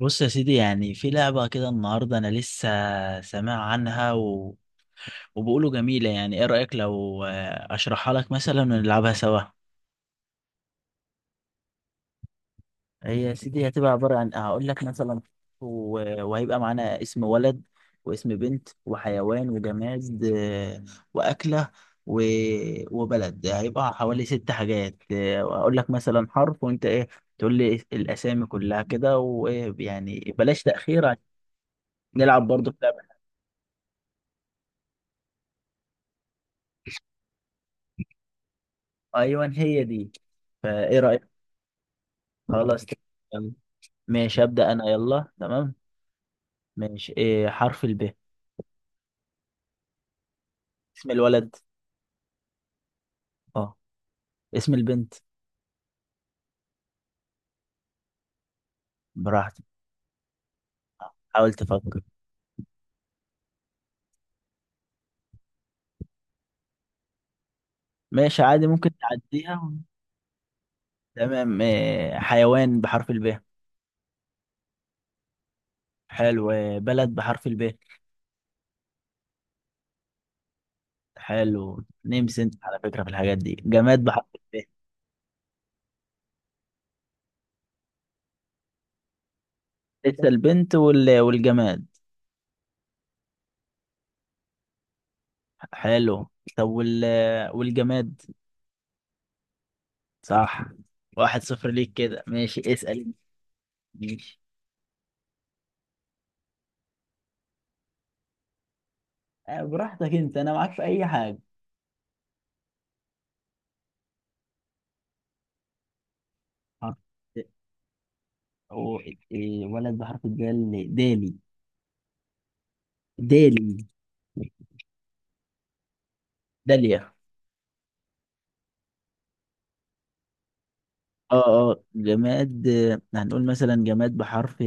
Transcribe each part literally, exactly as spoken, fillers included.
بص يا سيدي، يعني في لعبة كده النهاردة، أنا لسه سامع عنها و... وبيقولوا جميلة. يعني إيه رأيك لو آه، أشرحها لك مثلا ونلعبها سوا؟ هي يا سيدي هتبقى عبارة عن هقول لك مثلا و... وهيبقى معانا اسم ولد واسم بنت وحيوان وجماد آه، وأكلة و... وبلد. هيبقى حوالي ست حاجات آه، وهقول لك مثلا حرف وأنت إيه تقول لي الأسامي كلها كده، ويعني بلاش تأخير عشان نلعب برضه في لعبة. أيوه، هي دي. فايه رأيك؟ خلاص ماشي. تمام. ماشي أبدأ أنا، يلا. تمام، ماشي. إيه حرف الب؟ اسم الولد. اه. اسم البنت. براحتك. حاول تفكر. ماشي عادي، ممكن تعديها. تمام. إيه حيوان بحرف الب؟ حلو. إيه بلد بحرف الب؟ حلو. نمس، انت على فكرة في الحاجات دي. جماد بحرف الب؟ لسه البنت وال... والجماد. حلو. طب وال... والجماد؟ صح. واحد صفر ليك كده. ماشي، اسأل. ماشي، آه، براحتك انت، انا معاك في اي حاجه. حرف أو... إيه، ولد بحرف الدال دالي. دالي. داليا. اه اه، جماد. آه، هنقول مثلا جماد بحرف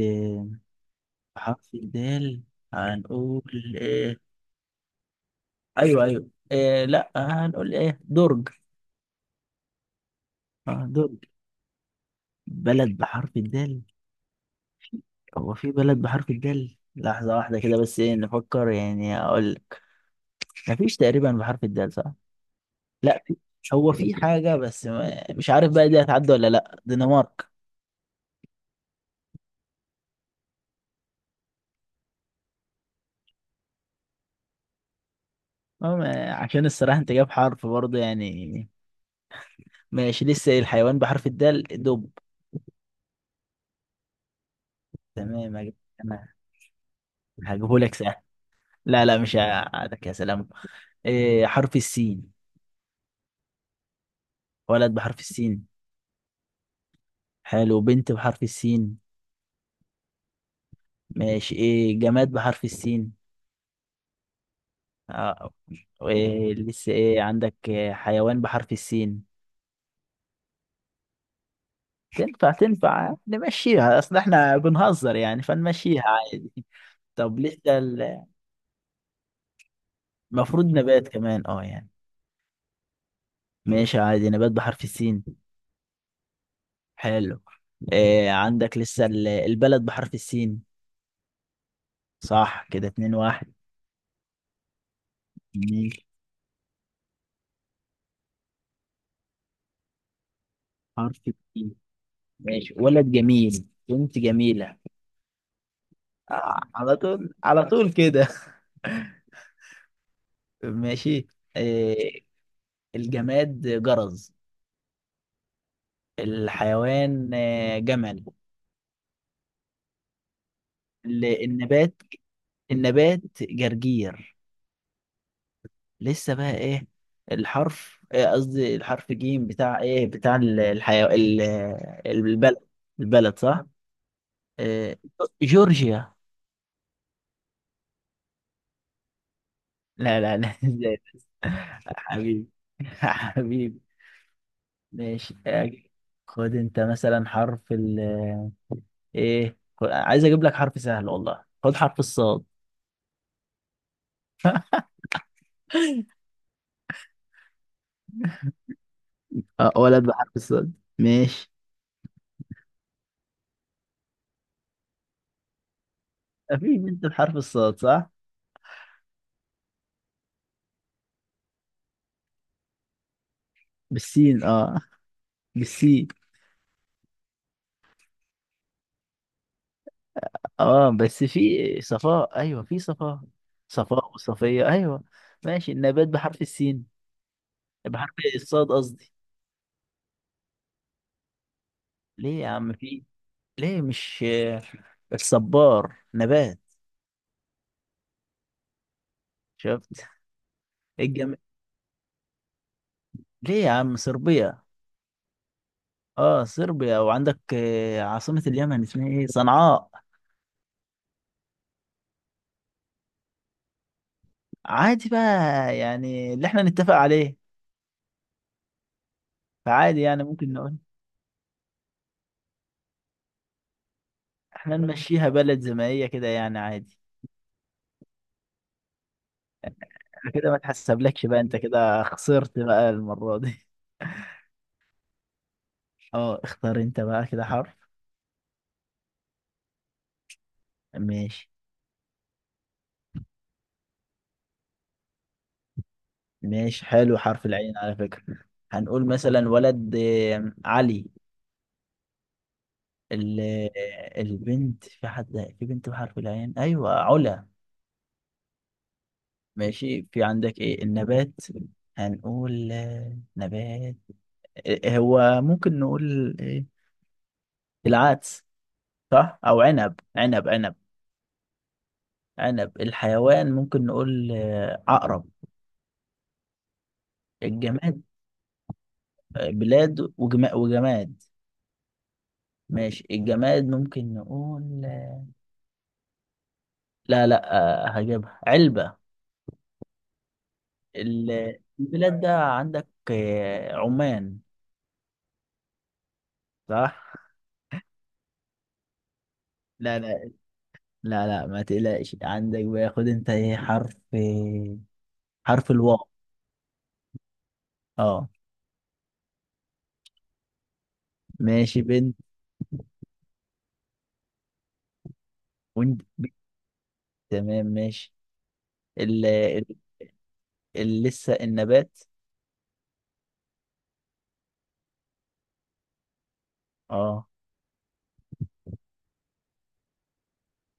بحرف الدال، هنقول إيه. ايوه ايوه، إيه، لا هنقول ايه، درج. اه، درج. بلد بحرف الدال؟ هو في بلد بحرف الدال؟ لحظة واحدة كده بس، ايه نفكر يعني، اقول لك. مفيش تقريبا بحرف الدال، صح؟ لا في، هو في حاجة بس ما- مش عارف بقى دي هتعدي ولا لا، دنمارك. أما عشان الصراحة انت جايب حرف برضه يعني. ماشي. لسه الحيوان بحرف الدال، دب. تمام. هجيب- انا هجيبه لك سهل. لا لا، مش هقعدك. يا سلام. إيه حرف السين؟ ولد بحرف السين. حلو. بنت بحرف السين. ماشي. ايه جماد بحرف السين؟ آه. إيه، لسه ايه عندك. إيه حيوان بحرف السين؟ تنفع تنفع، نمشيها، اصل احنا بنهزر يعني فنمشيها عادي. طب لسه، المفروض نبات كمان، اه يعني. ماشي عادي. نبات بحرف السين. حلو. إيه عندك لسه ال- البلد بحرف السين؟ صح. كده اتنين واحد. ماشي. حرف السين؟ ماشي. ولد جميل. بنت جميلة. آه على طول، على طول كده. ماشي. إيه الجماد؟ جرز. الحيوان آه، جمل. ال- النبات النبات جرجير. لسه بقى ايه؟ الحرف إيه، قصدي الحرف جيم بتاع ايه، بتاع ال- الحيو... ال- البلد البلد صح. إيه، جورجيا. لا لا لا ازاي بس؟ حبيبي. حبيبي. ماشي. أجي. خد انت مثلا حرف ال ايه، خد- عايز اجيب لك حرف سهل، والله. خد حرف الصاد. اه، ولد بحرف الصاد. ماشي. في انت بحرف الصاد صح؟ بالسين. اه بالسين. اه بس في صفاء، ايوه في صفاء، صفاء وصفية. ايوه. ماشي. النبات بحرف السين، بحرف الصاد قصدي. ليه يا عم، في. ليه مش الصبار نبات؟ شفت. الجم... ليه يا عم، صربيا. اه صربيا. وعندك آه، عاصمة اليمن اسمها ايه، صنعاء. عادي بقى، يعني اللي احنا نتفق عليه. فعادي يعني، ممكن نقول احنا نمشيها بلد زي ما هي كده، يعني عادي. أنا كده ما تحسبلكش بقى، انت كده خسرت بقى المرة دي. اه، اختار انت بقى كده حرف. ماشي. ماشي، حلو، حرف العين على فكرة. هنقول مثلا ولد آه، علي. ال- آه، البنت، في حد في بنت بحرف العين، ايوه، علا. ماشي. في عندك ايه النبات؟ هنقول آه، نبات. آه، هو ممكن نقول ايه، العدس. صح، او عنب عنب عنب عنب. الحيوان ممكن نقول آه، عقرب. الجماد آه، بلاد وجما- وجماد. ماشي، الجماد ممكن نقول. لا لا، آه، هجيبها علبة. ال- البلاد ده، عندك آه، عمان. صح؟ لا لا لا لا، ما تقلقش. عندك بقى. خد انت ايه حرف آه، حرف الواو. اه ماشي. بنت. وانت. تمام ماشي. ال... ال... ال- لسه النبات؟ اه.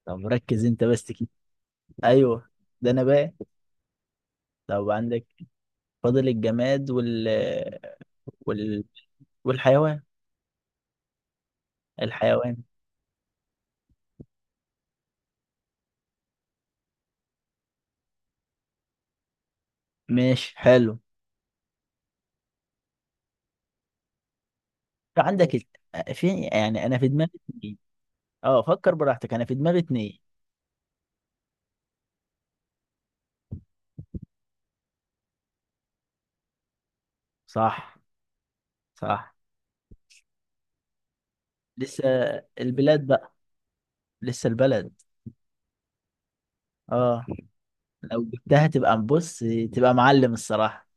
طب ركز انت بس كده. ايوه ده نبات. طب عندك، فاضل الجماد وال... وال... والحيوان الحيوان. ماشي. حلو. عندك الت- في، يعني انا في دماغي اتنين. اه، فكر براحتك، انا في دماغي اتنين. صح صح. لسه البلاد بقى. لسه البلد. اه لو جبتها، تبقى بص، تبقى معلم الصراحة.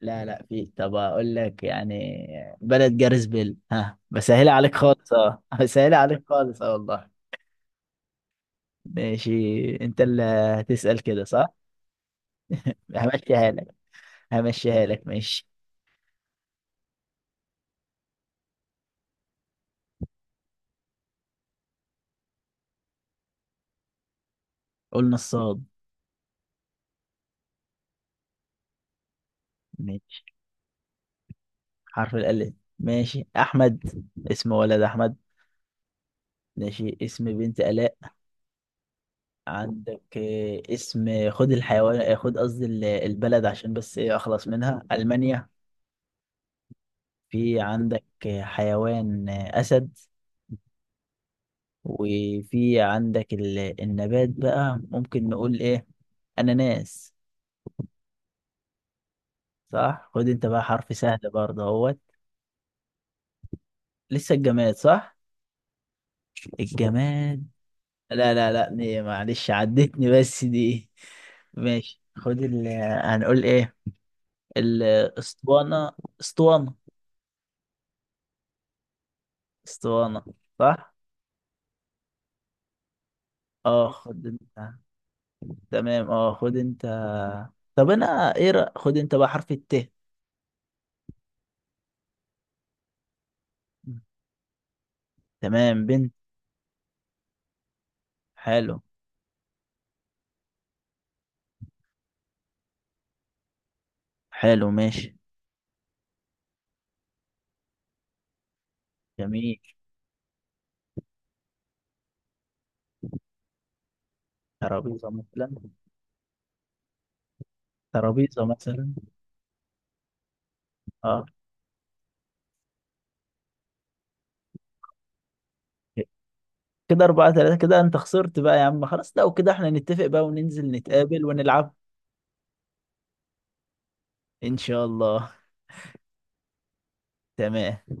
لا لا، في. طب اقول لك يعني، بلد جاريس بيل ها، بسهلها عليك خالص، اه بسهلها عليك خالص، اه والله. ماشي. انت اللي هتسأل كده صح. همشيها لك، همشيها لك. ماشي. قلنا الصاد. ماشي. حرف الألف. ماشي أحمد. اسم ولد أحمد. ماشي اسم بنت آلاء. عندك آه، اسم، خد الحيوان، آه، خد قصدي ال- البلد عشان بس إيه أخلص منها، ألمانيا. في عندك آه، حيوان آه، أسد. وفي عندك ال- النبات بقى، ممكن نقول إيه، أناناس. صح. خد أنت بقى حرف سهل برضه اهوت. لسه الجماد صح. الجماد. لا لا لا، دي معلش عدتني بس دي. ماشي. خد ال، هنقول ايه، الاسطوانة. اسطوانة. اسطوانة. صح. اه خد انت. تمام اه خد انت. طب انا ايه رأ... خد انت بقى حرف الت. تمام بنت. حلو. حلو. ماشي. جميل. ترابيزة مثلا. ترابيزة مثلا. اه كده أربعة ثلاثة. كده أنت خسرت بقى يا عم. خلاص لو كده احنا نتفق بقى وننزل نتقابل ونلعب. إن شاء الله. تمام